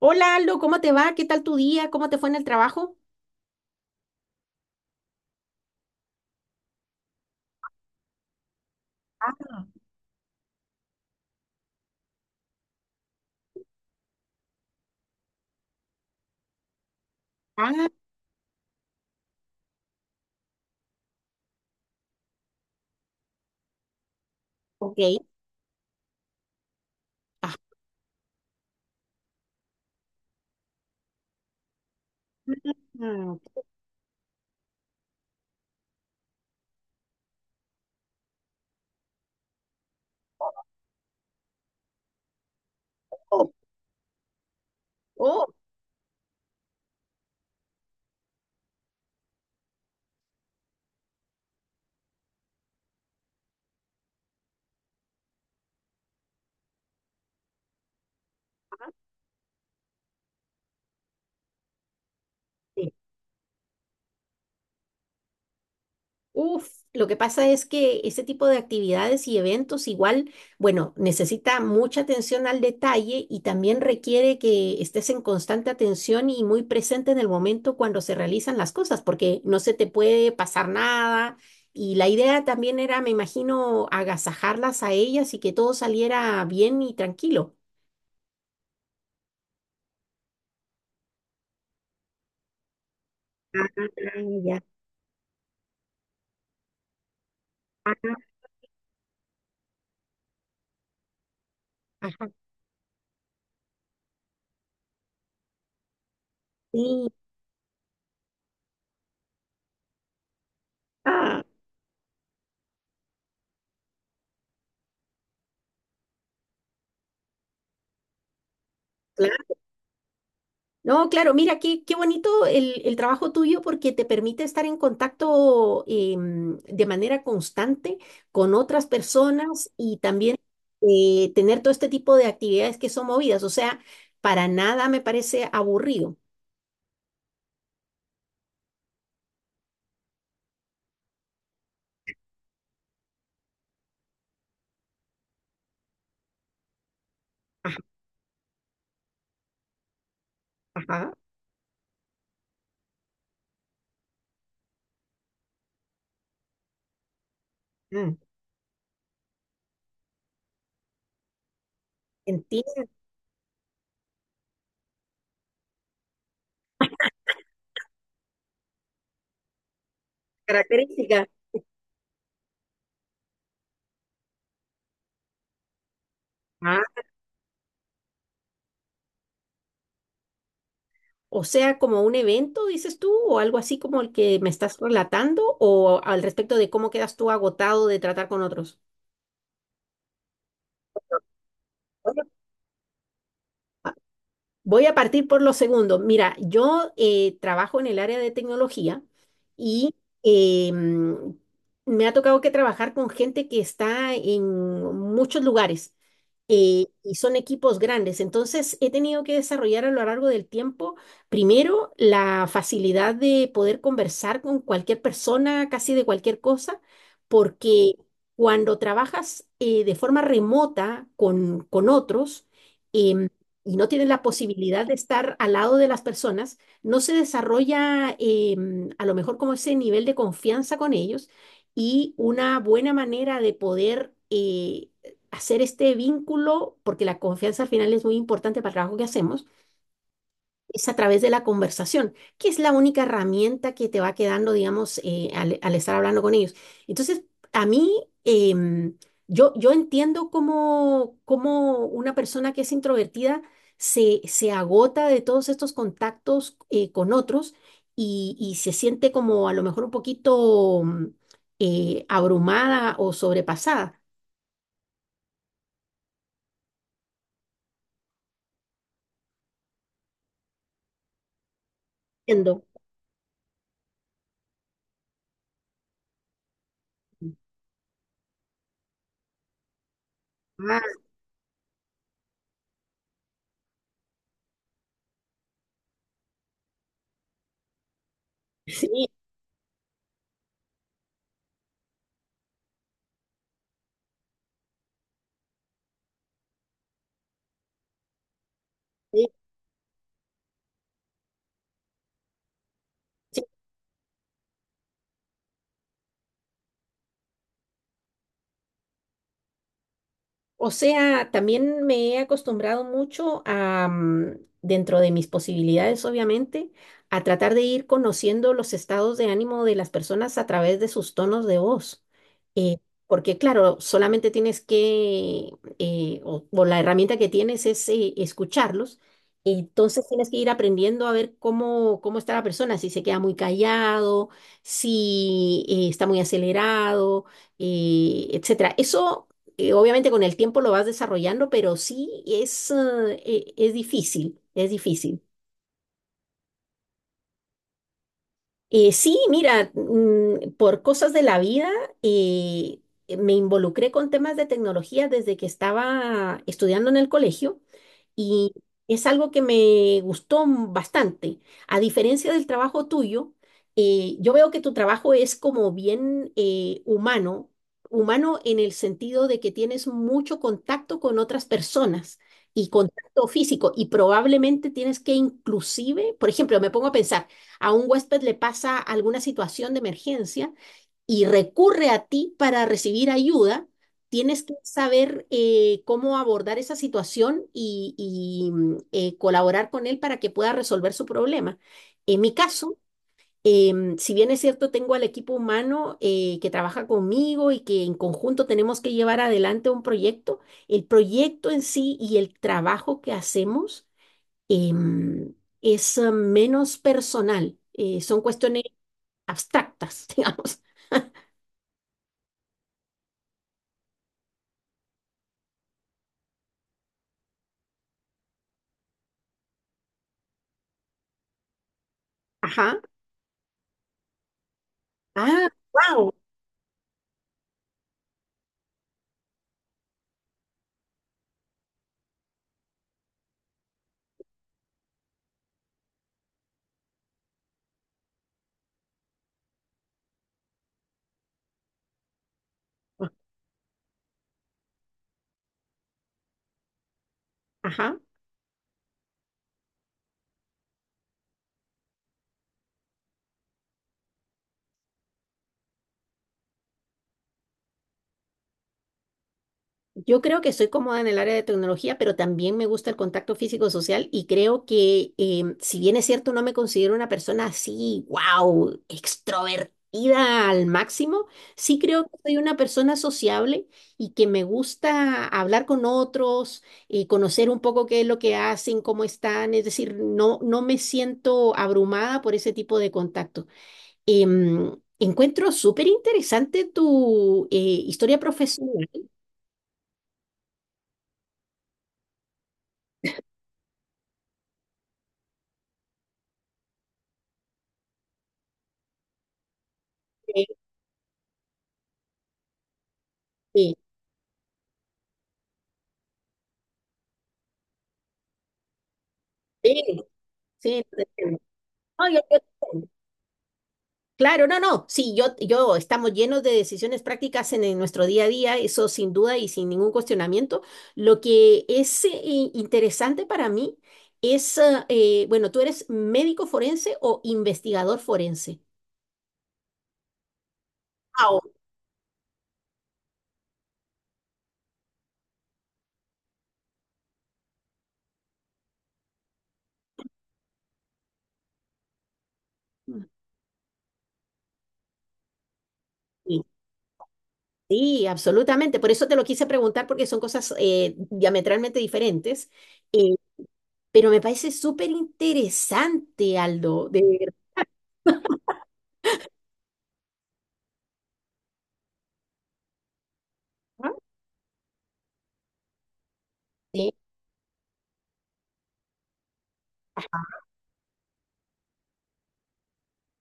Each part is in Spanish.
Hola Aldo, ¿cómo te va? ¿Qué tal tu día? ¿Cómo te fue en el trabajo? Ah, ok. Ah, ah, oh, oh, sí. Uf, lo que pasa es que ese tipo de actividades y eventos igual, bueno, necesita mucha atención al detalle y también requiere que estés en constante atención y muy presente en el momento cuando se realizan las cosas, porque no se te puede pasar nada. Y la idea también era, me imagino, agasajarlas a ellas y que todo saliera bien y tranquilo. Ah, ya. Ah, ajá, sí. Ah, claro. No, claro, mira, qué, qué bonito el trabajo tuyo porque te permite estar en contacto de manera constante con otras personas y también tener todo este tipo de actividades que son movidas. O sea, para nada me parece aburrido. Ajá, ajá. Mm, entiendo. Característica. Ah, o sea, como un evento, dices tú, o algo así como el que me estás relatando, o al respecto de cómo quedas tú agotado de tratar con otros. Ah, voy a partir por los segundos. Mira, yo trabajo en el área de tecnología y eh, mm, me ha tocado que trabajar con gente que está en muchos lugares y son equipos grandes. Entonces, he tenido que desarrollar a lo largo del tiempo, primero, la facilidad de poder conversar con cualquier persona, casi de cualquier cosa, porque cuando trabajas de forma remota con otros, em, y no tienen la posibilidad de estar al lado de las personas, no se desarrolla a lo mejor como ese nivel de confianza con ellos y una buena manera de poder hacer este vínculo, porque la confianza al final es muy importante para el trabajo que hacemos es a través de la conversación, que es la única herramienta que te va quedando, digamos, al estar hablando con ellos. Entonces, a mí, em, yo entiendo cómo una persona que es introvertida se agota de todos estos contactos con otros y se siente como a lo mejor un poquito abrumada o sobrepasada. Entiendo. Ah, sí, sí, sí. O sea, también me he acostumbrado mucho a, dentro de mis posibilidades, obviamente, a tratar de ir conociendo los estados de ánimo de las personas a través de sus tonos de voz. Eh, Porque, claro, solamente tienes que, o la herramienta que tienes es escucharlos. Entonces tienes que ir aprendiendo a ver cómo, está la persona, si se queda muy callado, si está muy acelerado etcétera. Eso obviamente con el tiempo lo vas desarrollando, pero sí es difícil, es difícil. Sí, mira, por cosas de la vida eh, me involucré con temas de tecnología desde que estaba estudiando en el colegio y es algo que me gustó bastante. A diferencia del trabajo tuyo, yo veo que tu trabajo es como bien humano, humano en el sentido de que tienes mucho contacto con otras personas y contacto físico y probablemente tienes que inclusive, por ejemplo, me pongo a pensar, a un huésped le pasa alguna situación de emergencia y recurre a ti para recibir ayuda, tienes que saber cómo abordar esa situación y colaborar con él para que pueda resolver su problema. En mi caso, si bien es cierto, tengo al equipo humano que trabaja conmigo y que en conjunto tenemos que llevar adelante un proyecto, el proyecto en sí y el trabajo que hacemos em, es menos personal, son cuestiones abstractas, digamos. Ajá. Ah, wow. Ajá. Yo creo que estoy cómoda en el área de tecnología, pero también me gusta el contacto físico-social y creo que si bien es cierto, no me considero una persona así, wow, extrovertida al máximo, sí creo que soy una persona sociable y que me gusta hablar con otros, conocer un poco qué es lo que hacen, cómo están, es decir, no, no me siento abrumada por ese tipo de contacto. Encuentro súper interesante tu historia profesional. Sí, sí. Sí, sí, te entiendo. No, yo te entiendo. Claro, no, no, sí, yo estamos llenos de decisiones prácticas en nuestro día a día, eso sin duda y sin ningún cuestionamiento. Lo que es interesante para mí es, bueno, ¿tú eres médico forense o investigador forense? Wow. Sí, sí, absolutamente. Por eso te lo quise preguntar porque son cosas diametralmente diferentes. Eh, pero me parece súper interesante, Aldo, de verdad. Sí.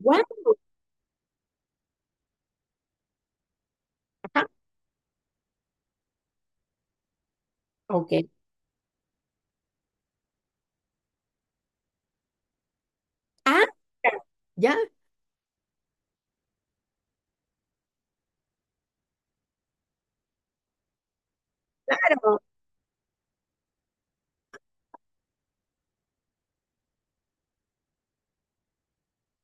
Guau, ok. Ah, ya, claro.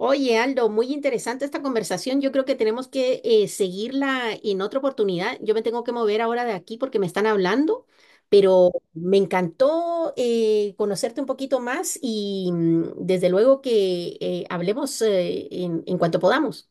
Oye, Aldo, muy interesante esta conversación. Yo creo que tenemos que seguirla en otra oportunidad. Yo me tengo que mover ahora de aquí porque me están hablando, pero me encantó conocerte un poquito más y desde luego que hablemos en cuanto podamos.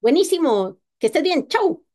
Buenísimo, que estés bien. Chau.